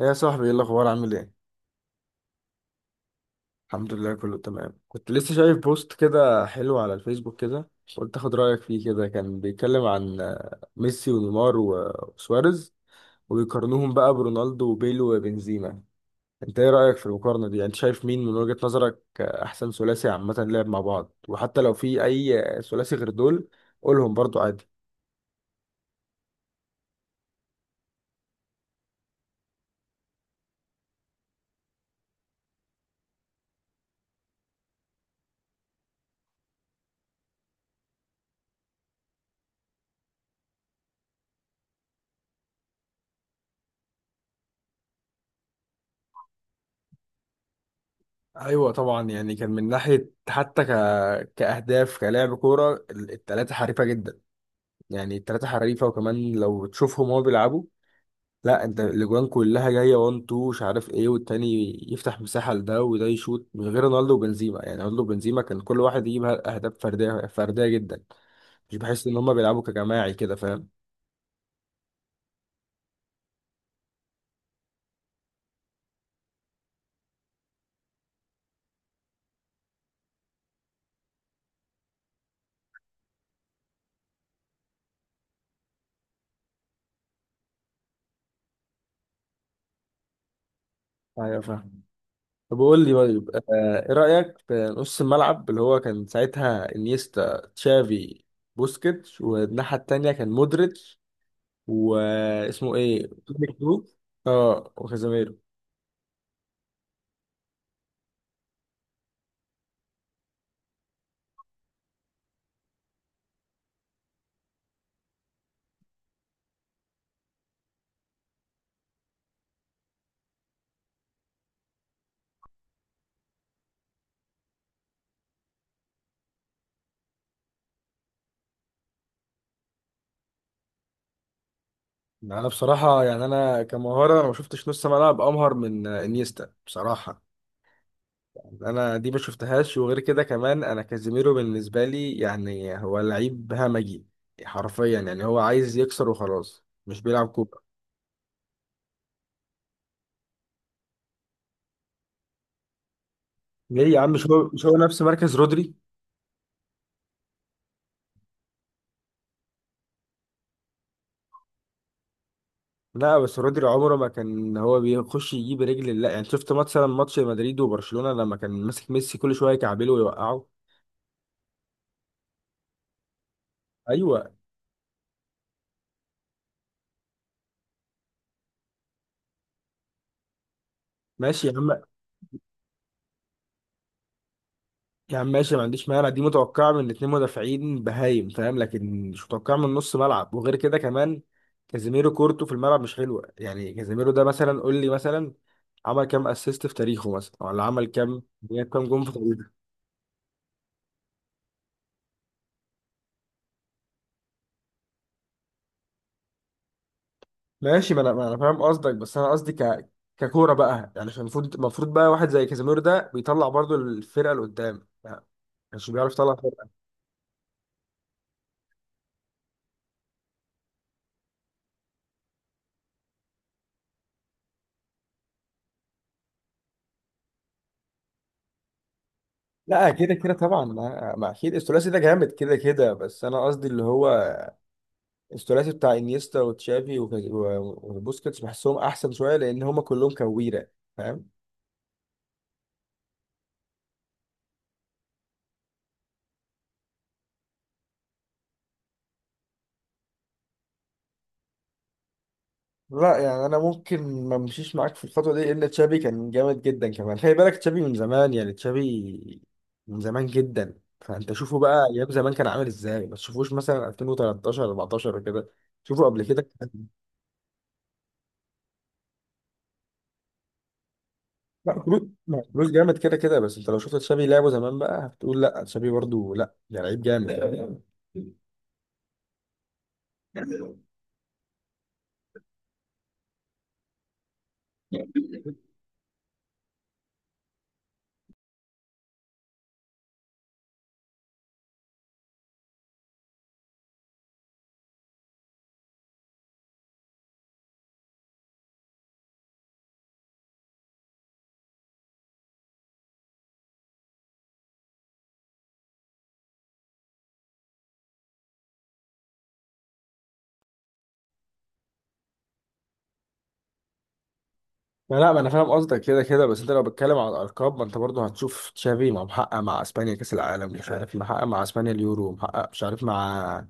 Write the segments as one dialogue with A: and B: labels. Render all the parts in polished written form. A: ايه يا صاحبي، ايه الاخبار؟ عامل ايه؟ الحمد لله كله تمام. كنت لسه شايف بوست كده حلو على الفيسبوك كده، قلت اخد رايك فيه كده. كان بيتكلم عن ميسي ونيمار و- وسواريز وبيقارنوهم بقى برونالدو وبيل وبنزيما. انت ايه رايك في المقارنه دي؟ يعني انت شايف مين من وجهة نظرك احسن ثلاثي عامه لعب مع بعض؟ وحتى لو في اي ثلاثي غير دول قولهم برضو عادي. ايوه طبعا، يعني كان من ناحيه حتى كاهداف، كلاعب كوره الثلاثه حريفه جدا. يعني التلاتة حريفة، وكمان لو تشوفهم وهو بيلعبوا، لا انت الاجوان كلها جايه 1 2 مش عارف ايه والتاني يفتح مساحه لده وده يشوط. من غير رونالدو وبنزيما، يعني رونالدو وبنزيما كان كل واحد يجيب اهداف فرديه، فرديه جدا، مش بحس ان هما بيلعبوا كجماعي كده، فاهم؟ ايوه فاهم. طب قول لي، طيب ايه رايك في نص الملعب اللي هو كان ساعتها انيستا، تشافي، بوسكيتش؟ والناحيه التانيه كان مودريتش واسمه ايه؟ توني كروس. اه، وكازاميرو. انا بصراحه يعني، انا كمهاره، انا ما شفتش نص ملعب امهر من انيستا بصراحه. يعني انا دي ما شفتهاش. وغير كده كمان، انا كازيميرو بالنسبه لي يعني هو لعيب همجي حرفيا. يعني هو عايز يكسر وخلاص، مش بيلعب كوره. ليه يا عم؟ مش هو نفس مركز رودري؟ لا، بس رودري عمره ما كان هو بيخش يجيب رجل، لا. يعني شفت مثلا ماتش مدريد وبرشلونه لما كان ماسك ميسي، كل شويه يكعبله ويوقعه. ايوه ماشي يا عم. يا عم ماشي، ما عنديش مانع، دي متوقعة من الاتنين مدافعين بهايم، فاهم؟ لكن مش متوقعة من نص ملعب. وغير كده كمان، كازيميرو كورته في الملعب مش حلوة، يعني كازيميرو ده مثلا قول لي مثلا عمل كام اسيست في تاريخه، مثلا؟ ولا عمل كام، جاب كام جون في تاريخه؟ ماشي، ما انا فاهم قصدك، بس انا قصدي ك ككورة بقى. يعني عشان المفروض، المفروض بقى واحد زي كازيميرو ده بيطلع برضو الفرقة اللي قدام، ما كانش بيعرف يطلع فرقة. لا كده كده طبعا، ما اكيد الثلاثي ده جامد كده كده، بس انا قصدي اللي هو الثلاثي بتاع انيستا وتشافي وك- و- وبوسكيتس بحسهم احسن شويه، لان هما كلهم كويره، فاهم؟ لا يعني انا ممكن ما امشيش معاك في الخطوه دي، لان تشافي كان جامد جدا. كمان خلي بالك تشافي من زمان، يعني تشافي من زمان جدا. فانت شوفه بقى ايام زمان كان عامل ازاي، ما تشوفوش مثلا 2013 14 كده، شوفوا قبل كده. لا كروس، لا، كروس جامد كده كده، بس انت لو شفت تشافي لعبه زمان بقى هتقول لا تشافي برضو، لا ده لعيب جامد. ما انا فاهم قصدك كده كده، بس انت لو بتتكلم على الارقام، ما انت برضه هتشوف تشافي ما محقق مع اسبانيا كاس العالم، مش عارف محقق مع اسبانيا اليورو، محقق مش عارف مع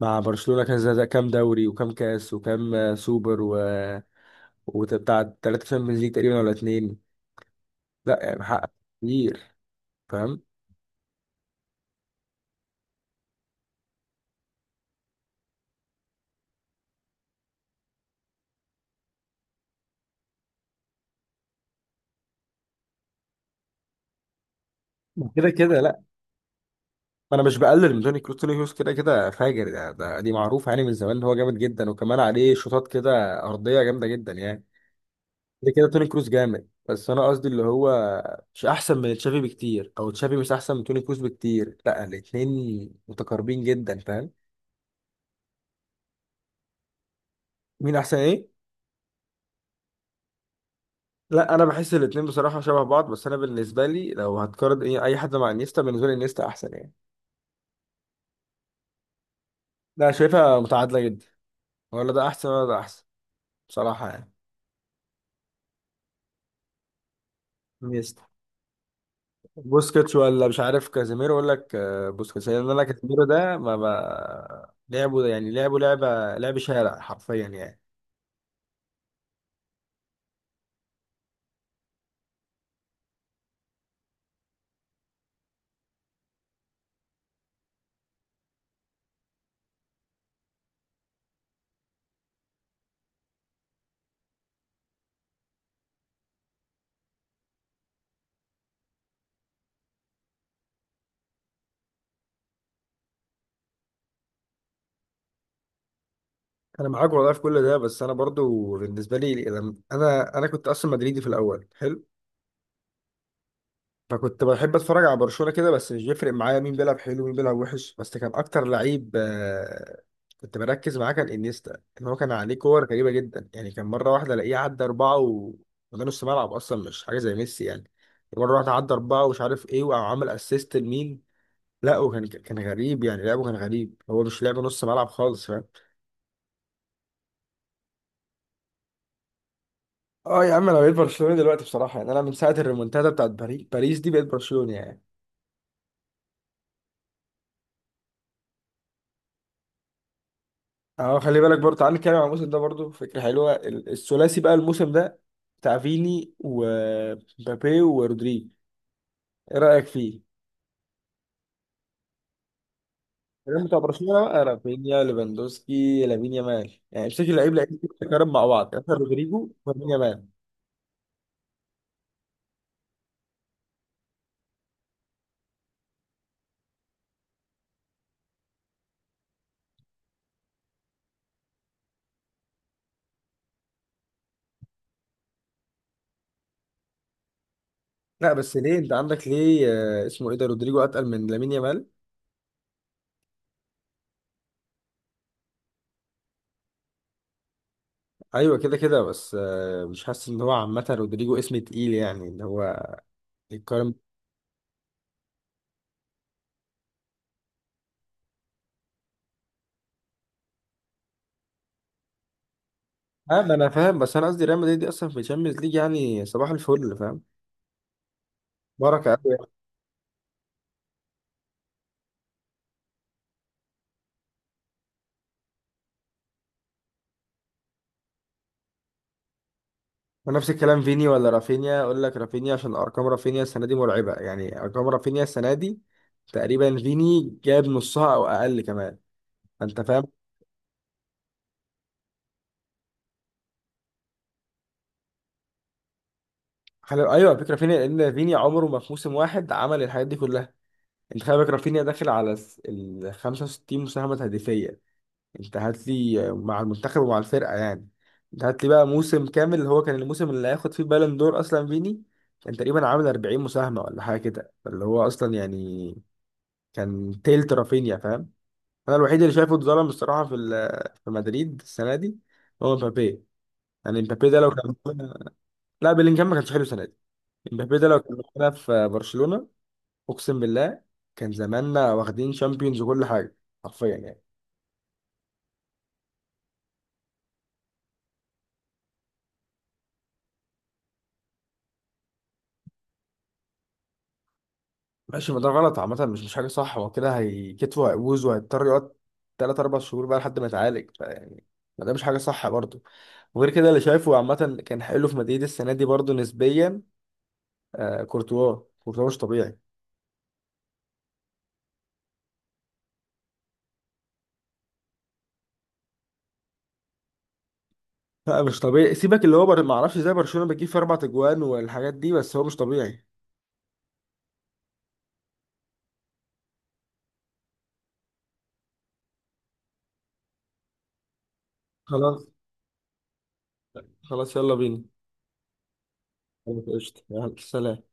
A: مع برشلونه كذا، ده كام دوري وكام كاس وكام سوبر، و وبتاع ثلاثه تشامبيونز ليج تقريبا ولا اتنين؟ لا يعني محقق كتير، فاهم؟ كده كده لا، انا مش بقلل من توني كروس، توني كروس كده كده فاجر. ده دي معروف يعني من زمان ان هو جامد جدا، وكمان عليه شوطات كده ارضيه جامده جدا يعني. ده كده توني كروس جامد، بس انا قصدي اللي هو مش احسن من تشافي بكتير، او تشافي مش احسن من توني كروس بكتير، لا الاتنين متقاربين جدا، فاهم؟ مين احسن ايه؟ لا انا بحس الاتنين بصراحه شبه بعض. بس انا بالنسبه لي لو هتقارن ايه اي حد مع انيستا، بالنسبه لي انيستا احسن يعني. لا شايفها متعادله جدا، ولا ده احسن ولا ده احسن، بصراحه يعني. انيستا. بوسكيتس ولا مش عارف كازيميرو؟ اقول لك بوسكيتس، لان انا كازيميرو ده ما لعبه يعني، لعبه لعب شارع حرفيا يعني. انا معاك والله في كل ده، بس انا برضو بالنسبه لي لما انا كنت اصلا مدريدي في الاول حلو، فكنت بحب اتفرج على برشلونه كده، بس مش بيفرق معايا مين بيلعب حلو ومين بيلعب وحش. بس كان اكتر لعيب كنت بركز معاه كان انيستا. ان هو كان عليه كور غريبه جدا يعني، كان مره واحده الاقيه عدى اربعه وده نص ملعب اصلا، مش حاجه زي ميسي يعني. مره واحده عدى اربعه ومش عارف ايه، وعمل اسيست لمين. لا وكان، كان غريب يعني، لعبه كان غريب، هو مش لعب نص ملعب خالص. اه يا عم، انا بقيت برشلوني دلوقتي بصراحه. يعني انا من ساعه الريمونتادا بتاعت باريس، باريس دي بقيت برشلوني يعني. اه، خلي بالك برضه. تعال نتكلم عن الموسم ده برضه، فكره حلوه. ال- الثلاثي بقى الموسم ده بتاع فيني ومبابي ورودريجو، ايه رايك فيه؟ الكلام بتاع برشلونه بقى رافينيا، ليفاندوسكي، لامين يامال يعني بشكل لعيب لعيب بتتكرم مع بعض، يعني مثلا رودريجو ولامين يامال. لا بس ليه؟ انت عندك ليه اسمه ايه ده، رودريجو، اتقل من لامين يامال؟ ايوه كده كده، بس مش حاسس ان هو عامه رودريجو اسم تقيل يعني اللي هو يتقارن. اه ما انا فاهم، بس انا قصدي ريال مدريد دي اصلا في الشامبيونز ليج يعني صباح الفل، فاهم؟ بركه قوي. ونفس الكلام فيني ولا رافينيا؟ اقول لك رافينيا، عشان ارقام رافينيا السنه دي مرعبه. يعني ارقام رافينيا السنه دي تقريبا فيني جاب نصها او اقل كمان، انت فاهم؟ حلو ايوه، على فكره رافينيا، لان فيني عمره ما في موسم واحد عمل الحاجات دي كلها. انت خلي بالك رافينيا داخل على ال 65 مساهمه هدفيه، انت هات لي مع المنتخب ومع الفرقه يعني. انت هات لي بقى موسم كامل اللي هو كان الموسم اللي هياخد فيه بالون دور اصلا فيني، كان تقريبا عامل 40 مساهمه ولا حاجه كده، اللي هو اصلا يعني كان تيلت رافينيا، فاهم؟ انا الوحيد اللي شايفه اتظلم الصراحه في في مدريد السنه دي هو مبابي. يعني مبابي ده لو كان، لا بيلينجهام ما كانش حلو السنه دي. مبابي ده لو كان معانا في برشلونه، اقسم بالله كان زماننا واخدين شامبيونز وكل حاجه، حرفيا يعني. ماشي، ما ده غلط عامة، مش حاجة صح. هو كده كتفه هيبوظ وهيضطر يقعد تلات أربع شهور بقى لحد ما يتعالج، فيعني ما ده مش حاجة صح برضه. وغير كده اللي شايفه عامة كان حلو في مدريد السنة دي برضه نسبيا، آه كورتوا. كورتوا مش طبيعي، لا مش طبيعي. سيبك اللي هو ما اعرفش ازاي برشلونة بتجيب فيه أربع أجوان والحاجات دي، بس هو مش طبيعي. خلاص، خلاص يلا بينا. خلاص، قشطة، يلا سلام.